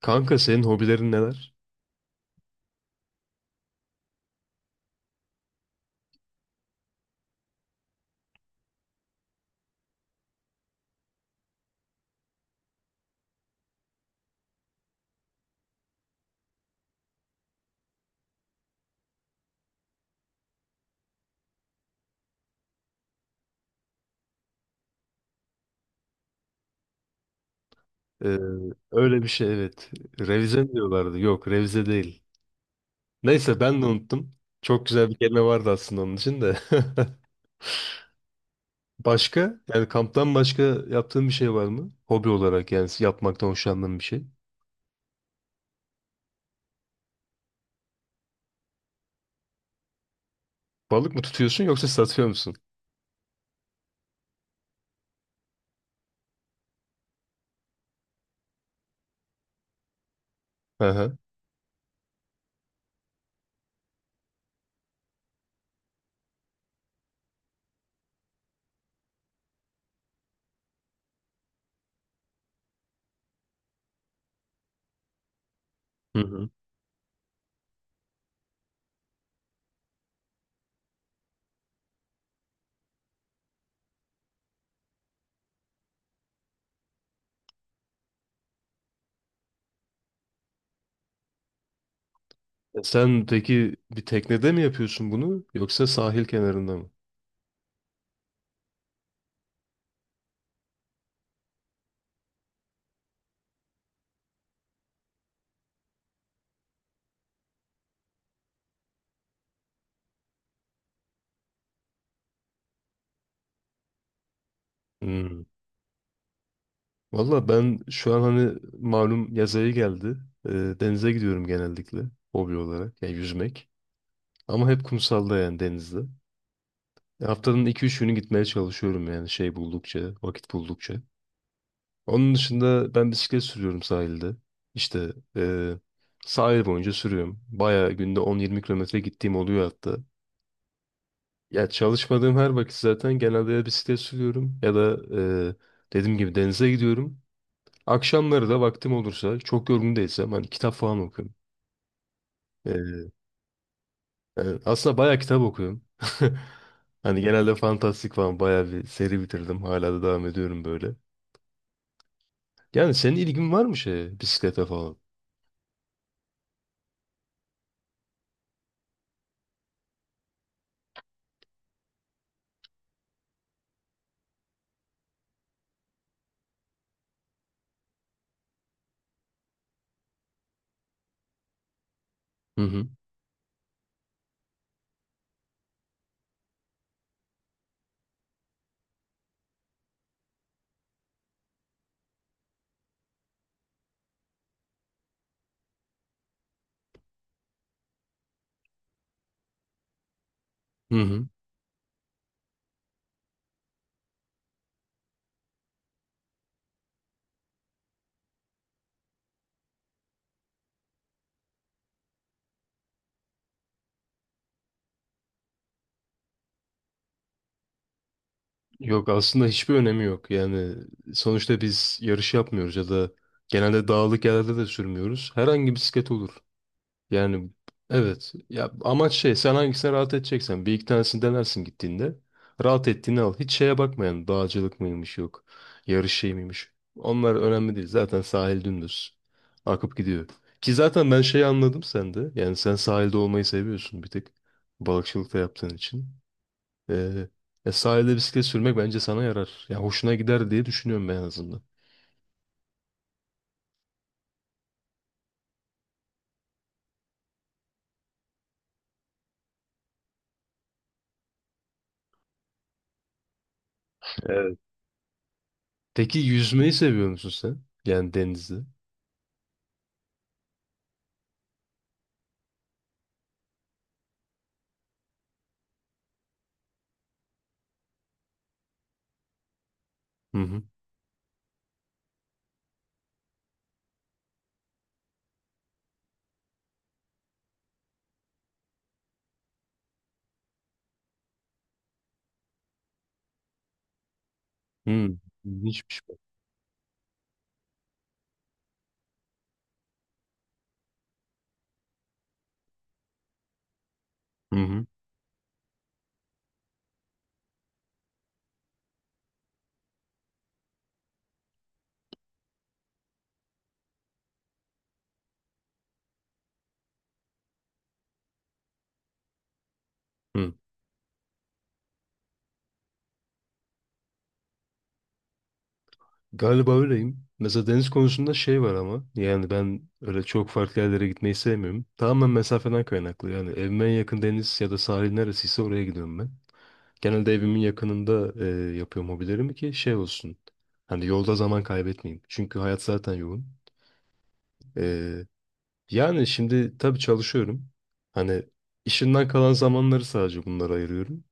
Kanka senin hobilerin neler? Ee, Öyle bir şey, evet. Revize mi diyorlardı? Yok, revize değil. Neyse, ben de unuttum. Çok güzel bir kelime vardı aslında onun için de. Başka? Yani kamptan başka yaptığın bir şey var mı? Hobi olarak, yani yapmaktan hoşlandığın bir şey. Balık mı tutuyorsun yoksa satıyor musun? Hı hı. Hı hı. Sen peki bir teknede mi yapıyorsun bunu yoksa sahil kenarında mı? Hmm. Valla ben şu an hani malum yaz ayı geldi. E, Denize gidiyorum genellikle hobi olarak. Yani yüzmek. Ama hep kumsalda, yani denizde. Haftanın 2-3 günü gitmeye çalışıyorum, yani buldukça, vakit buldukça. Onun dışında ben bisiklet sürüyorum sahilde. İşte sahil boyunca sürüyorum. Bayağı günde 10-20 kilometre gittiğim oluyor hatta. Ya çalışmadığım her vakit zaten genelde ya bisiklet sürüyorum ya da e, dediğim gibi denize gidiyorum. Akşamları da vaktim olursa, çok yorgun değilsem, hani kitap falan okuyorum. E, Yani aslında bayağı kitap okuyorum. Hani genelde fantastik falan, bayağı bir seri bitirdim. Hala da devam ediyorum böyle. Yani senin ilgin var mı şeye, bisiklete falan? Hı hı. Hı hı. Yok, aslında hiçbir önemi yok. Yani sonuçta biz yarış yapmıyoruz ya da genelde dağlık yerlerde de sürmüyoruz. Herhangi bisiklet olur. Yani evet ya, amaç şey, sen hangisine rahat edeceksen bir iki tanesini denersin gittiğinde, rahat ettiğini al. Hiç şeye bakmayan dağcılık mıymış, yok yarış şey miymiş. Onlar önemli değil, zaten sahil dümdüz akıp gidiyor. Ki zaten ben şeyi anladım sende, yani sen sahilde olmayı seviyorsun bir tek. Balıkçılık da yaptığın için. Ee, Sahilde bisiklet sürmek bence sana yarar. Yani hoşuna gider diye düşünüyorum ben en azından. Evet. Peki yüzmeyi seviyor musun sen? Yani denizde. Hı hı. Hı. İlginçmiş. Hı hı. Hı. Galiba öyleyim. Mesela deniz konusunda şey var ama yani ben öyle çok farklı yerlere gitmeyi sevmiyorum. Tamamen mesafeden kaynaklı. Yani evime en yakın deniz ya da sahil neresiyse oraya gidiyorum ben. Genelde evimin yakınında yapıyorum hobilerimi, ki şey olsun. Hani yolda zaman kaybetmeyeyim. Çünkü hayat zaten yoğun. E, Yani şimdi tabii çalışıyorum. Hani işimden kalan zamanları sadece bunlara ayırıyorum.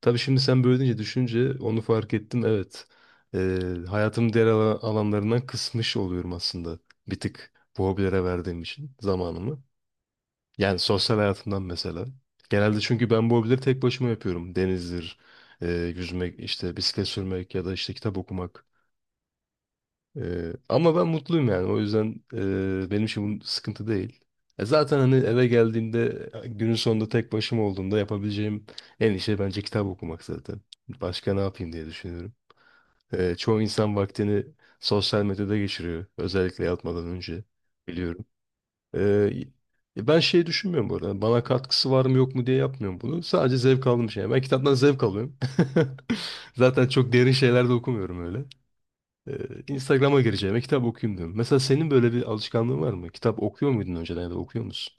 Tabii şimdi sen böyle deyince düşünce onu fark ettim. Evet. Ee, Hayatımın diğer alanlarından kısmış oluyorum aslında. Bir tık bu hobilere verdiğim için zamanımı. Yani sosyal hayatımdan mesela. Genelde çünkü ben bu hobileri tek başıma yapıyorum. Denizdir, e, yüzmek, işte bisiklet sürmek ya da işte kitap okumak. Ama ben mutluyum yani. O yüzden benim için bu sıkıntı değil. Zaten hani eve geldiğimde, günün sonunda tek başıma olduğumda, yapabileceğim en iyi şey bence kitap okumak zaten. Başka ne yapayım diye düşünüyorum. Çoğu insan vaktini sosyal medyada geçiriyor. Özellikle yatmadan önce, biliyorum. E, Ben şey düşünmüyorum bu arada. Bana katkısı var mı yok mu diye yapmıyorum bunu. Sadece zevk aldığım şey. Ben kitaptan zevk alıyorum. Zaten çok derin şeyler de okumuyorum öyle. Ee, Instagram'a gireceğime kitap okuyayım diyorum. Mesela senin böyle bir alışkanlığın var mı? Kitap okuyor muydun önceden ya da okuyor musun?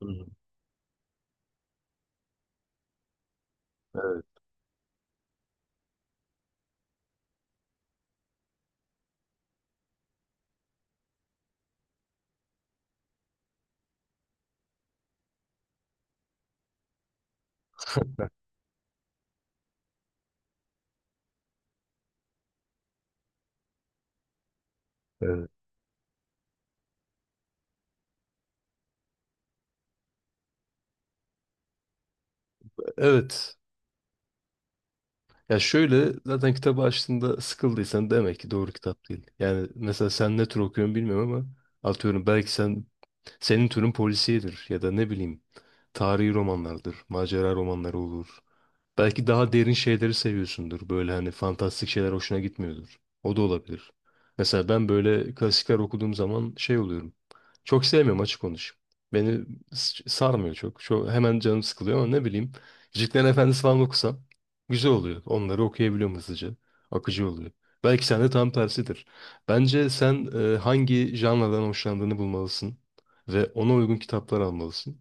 Hmm. Evet, evet. Evet. Ya şöyle, zaten kitabı açtığında sıkıldıysan demek ki doğru kitap değil. Yani mesela sen ne tür okuyorsun bilmiyorum ama atıyorum belki sen, türün polisiyedir ya da ne bileyim tarihi romanlardır, macera romanları olur. Belki daha derin şeyleri seviyorsundur. Böyle hani fantastik şeyler hoşuna gitmiyordur. O da olabilir. Mesela ben böyle klasikler okuduğum zaman şey oluyorum. Çok sevmiyorum, açık konuşayım. Beni sarmıyor çok. Çok hemen canım sıkılıyor ama ne bileyim. Yüzüklerin Efendisi falan okusam güzel oluyor. Onları okuyabiliyorum hızlıca. Akıcı oluyor. Belki sende tam tersidir. Bence sen hangi janradan hoşlandığını bulmalısın ve ona uygun kitaplar almalısın.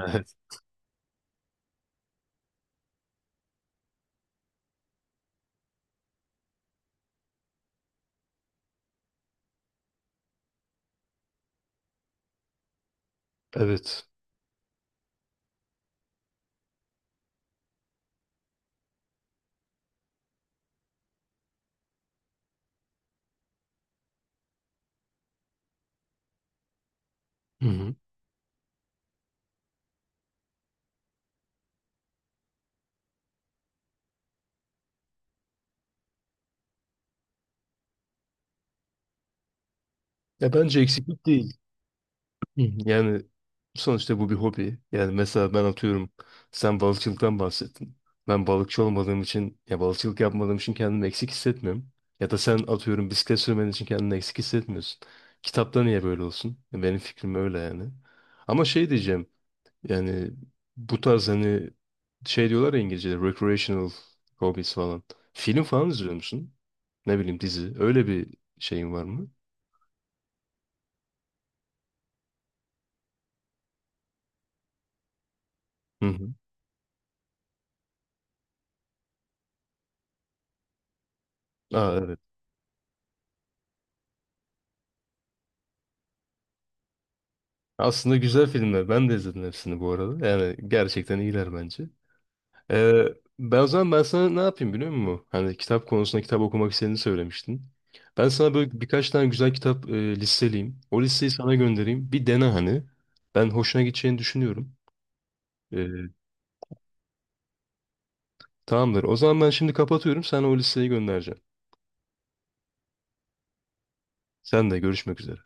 Evet. Evet. Hı hı. Ya bence eksiklik değil. Hı hı. Yani sonuçta bu bir hobi. Yani mesela ben atıyorum, sen balıkçılıktan bahsettin. Ben balıkçı olmadığım için, ya balıkçılık yapmadığım için, kendimi eksik hissetmiyorum. Ya da sen atıyorum, bisiklet sürmen için kendini eksik hissetmiyorsun. Kitapta niye böyle olsun? Ya benim fikrim öyle yani. Ama şey diyeceğim, yani bu tarz hani, şey diyorlar ya İngilizce'de, recreational hobbies falan. Film falan izliyor musun? Ne bileyim, dizi. Öyle bir şeyin var mı? Hı hı. Aa, evet. Aslında güzel filmler. Ben de izledim hepsini bu arada. Yani gerçekten iyiler bence. Ee, ben o zaman sana ne yapayım biliyor musun? Hani kitap konusunda, kitap okumak istediğini söylemiştin. Ben sana böyle birkaç tane güzel kitap listeleyeyim. O listeyi sana göndereyim. Bir dene hani. Ben hoşuna gideceğini düşünüyorum. Ee, Tamamdır. O zaman ben şimdi kapatıyorum. Sana o listeyi göndereceğim. Sen de görüşmek üzere.